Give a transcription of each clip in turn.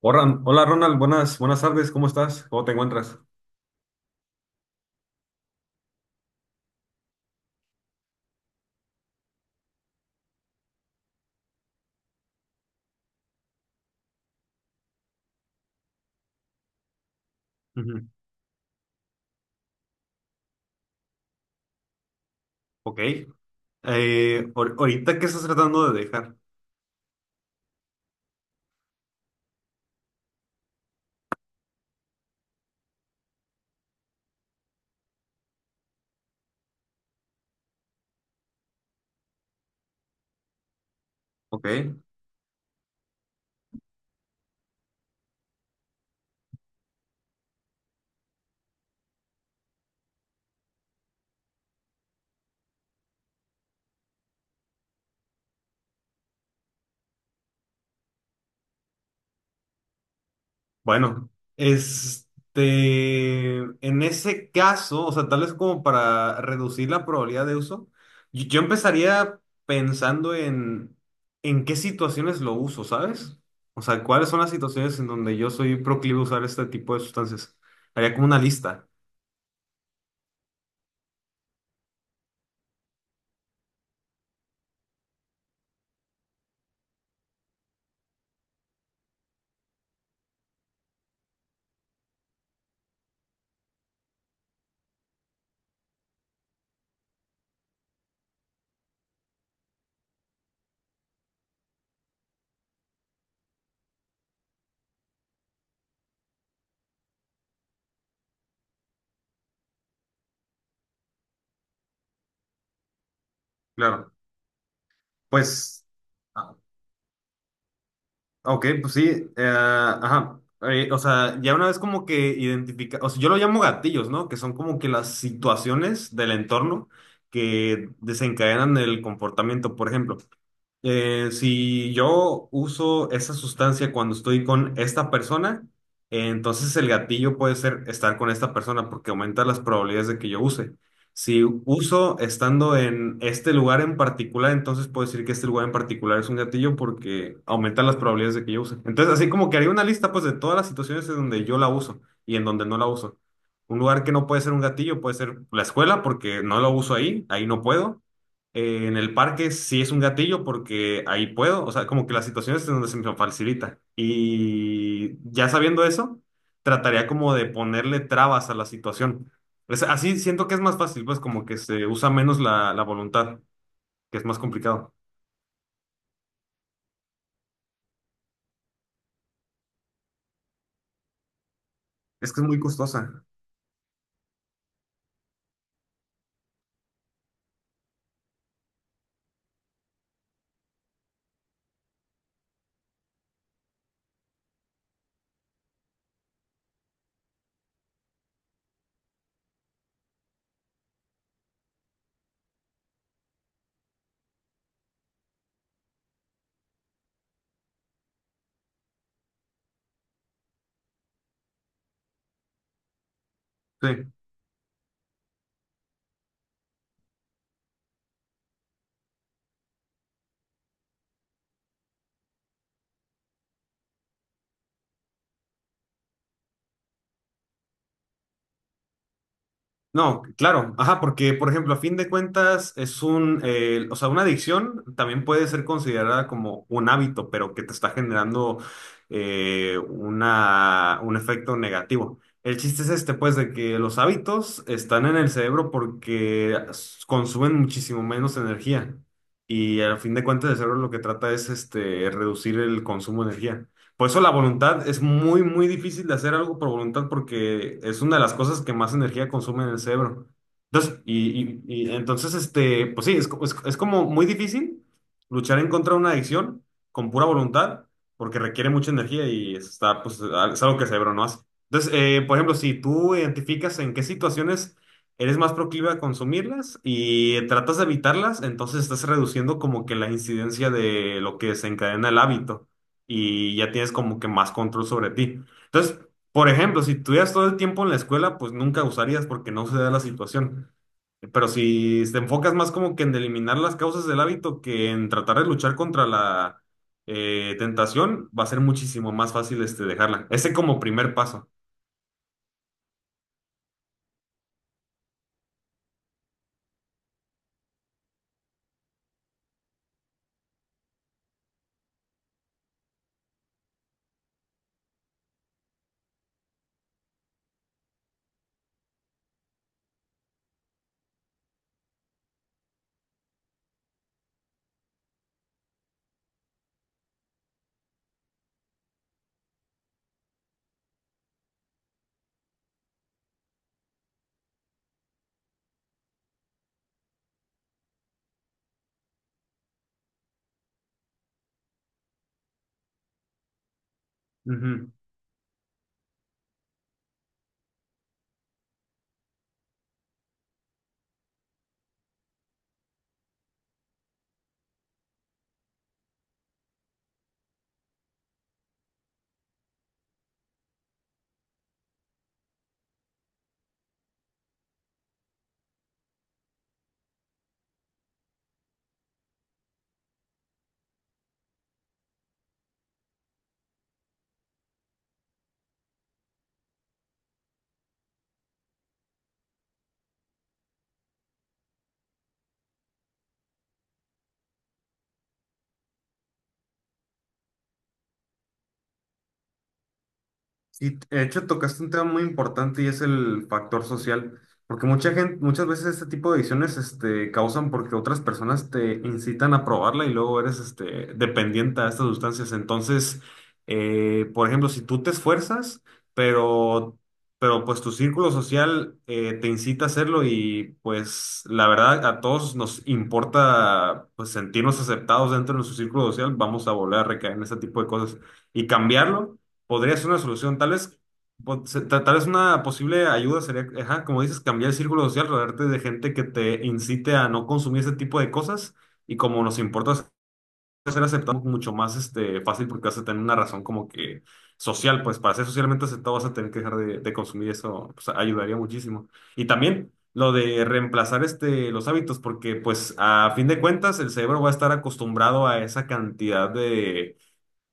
Hola, hola, Ronald, buenas, buenas tardes, ¿cómo estás? ¿Cómo te encuentras? Ujú. Ok. Ahorita, ¿qué estás tratando de dejar? Ok. Bueno, este, en ese caso, o sea, tal vez como para reducir la probabilidad de uso, yo empezaría pensando en, en qué situaciones lo uso, ¿sabes? O sea, cuáles son las situaciones en donde yo soy proclive a usar este tipo de sustancias. Haría como una lista. Claro. Pues. Ok, pues sí, ajá. O sea, ya una vez como que identifica, o sea, yo lo llamo gatillos, ¿no? Que son como que las situaciones del entorno que desencadenan el comportamiento, por ejemplo. Si yo uso esa sustancia cuando estoy con esta persona, entonces el gatillo puede ser estar con esta persona porque aumenta las probabilidades de que yo use. Si uso estando en este lugar en particular, entonces puedo decir que este lugar en particular es un gatillo porque aumenta las probabilidades de que yo use. Entonces, así como que haría una lista pues de todas las situaciones en donde yo la uso y en donde no la uso. Un lugar que no puede ser un gatillo puede ser la escuela porque no lo uso ahí, ahí no puedo. En el parque sí es un gatillo porque ahí puedo, o sea, como que las situaciones en donde se me facilita. Y ya sabiendo eso, trataría como de ponerle trabas a la situación. Así siento que es más fácil, pues como que se usa menos la voluntad, que es más complicado. Es que es muy costosa. Sí. No, claro, ajá, porque por ejemplo, a fin de cuentas es un, o sea, una adicción también puede ser considerada como un hábito, pero que te está generando una, un efecto negativo. El chiste es este, pues, de que los hábitos están en el cerebro porque consumen muchísimo menos energía y a fin de cuentas el cerebro lo que trata es este, reducir el consumo de energía. Por eso la voluntad es muy, muy difícil de hacer algo por voluntad porque es una de las cosas que más energía consume en el cerebro. Entonces, y entonces, este, pues sí, es como muy difícil luchar en contra de una adicción con pura voluntad porque requiere mucha energía y está, pues, es algo que el cerebro no hace. Entonces, por ejemplo, si tú identificas en qué situaciones eres más proclive a consumirlas y tratas de evitarlas, entonces estás reduciendo como que la incidencia de lo que desencadena el hábito y ya tienes como que más control sobre ti. Entonces, por ejemplo, si estuvieras todo el tiempo en la escuela, pues nunca usarías porque no se da la situación. Pero si te enfocas más como que en eliminar las causas del hábito que en tratar de luchar contra la tentación, va a ser muchísimo más fácil este, dejarla. Ese como primer paso. Ujú. Sí, de hecho tocaste un tema muy importante y es el factor social, porque mucha gente, muchas veces este tipo de adicciones este, causan porque otras personas te incitan a probarla y luego eres este, dependiente a estas sustancias. Entonces, por ejemplo, si tú te esfuerzas, pero, pero pues tu círculo social te incita a hacerlo y pues la verdad a todos nos importa pues sentirnos aceptados dentro de nuestro círculo social, vamos a volver a recaer en ese tipo de cosas y cambiarlo podría ser una solución. Tal vez, tal vez una posible ayuda sería, ajá, como dices, cambiar el círculo social, rodearte de gente que te incite a no consumir ese tipo de cosas. Y como nos importa ser aceptados mucho más este, fácil porque vas a tener una razón como que social, pues para ser socialmente aceptado vas a tener que dejar de consumir eso, pues ayudaría muchísimo. Y también lo de reemplazar este, los hábitos, porque pues a fin de cuentas el cerebro va a estar acostumbrado a esa cantidad de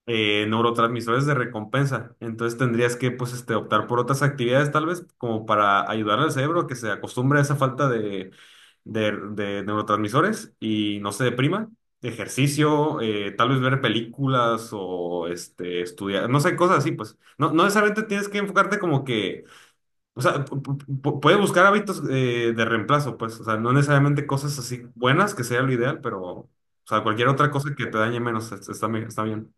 neurotransmisores de recompensa. Entonces tendrías que, pues, este, optar por otras actividades, tal vez, como para ayudar al cerebro a que se acostumbre a esa falta de neurotransmisores y no se deprima. Ejercicio, tal vez ver películas o este, estudiar, no sé, cosas así, pues. No, no necesariamente tienes que enfocarte como que, o sea, puedes buscar hábitos de reemplazo, pues, o sea, no necesariamente cosas así buenas, que sea lo ideal, pero, o sea, cualquier otra cosa que te dañe menos, está, está bien.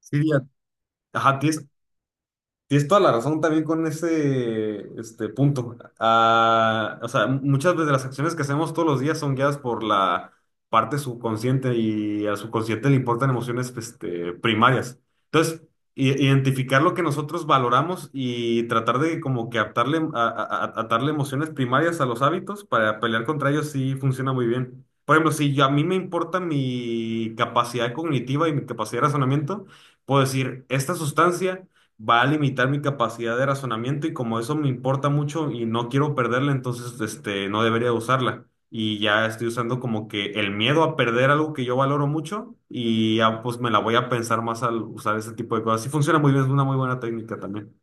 Sí. Ajá, tienes, tienes toda la razón también con ese este punto. Ah, o sea, muchas veces las acciones que hacemos todos los días son guiadas por la parte subconsciente y al subconsciente le importan emociones este, primarias. Entonces, identificar lo que nosotros valoramos y tratar de como que atarle, atarle emociones primarias a los hábitos para pelear contra ellos sí funciona muy bien. Por ejemplo, si yo- a mí me importa mi capacidad cognitiva y mi capacidad de razonamiento, puedo decir, esta sustancia va a limitar mi capacidad de razonamiento y como eso me importa mucho y no quiero perderla, entonces este, no debería usarla. Y ya estoy usando como que el miedo a perder algo que yo valoro mucho y ya pues me la voy a pensar más al usar ese tipo de cosas. Sí funciona muy bien, es una muy buena técnica también.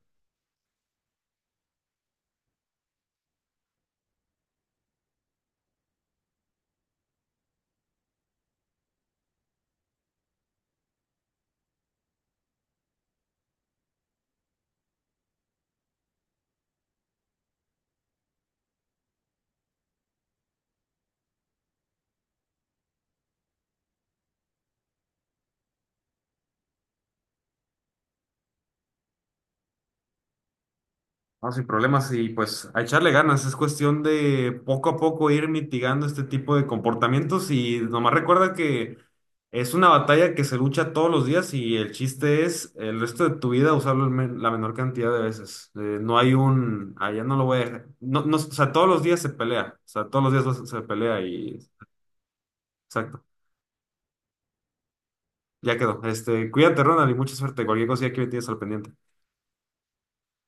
No, sin problemas y pues a echarle ganas, es cuestión de poco a poco ir mitigando este tipo de comportamientos y nomás recuerda que es una batalla que se lucha todos los días y el chiste es el resto de tu vida usarlo el la menor cantidad de veces. No hay un, allá no lo voy a dejar. No, no, o sea, todos los días se pelea, o sea, todos los días se pelea y exacto, ya quedó. Este, cuídate, Ronald, y mucha suerte. Cualquier cosilla que me tienes al pendiente.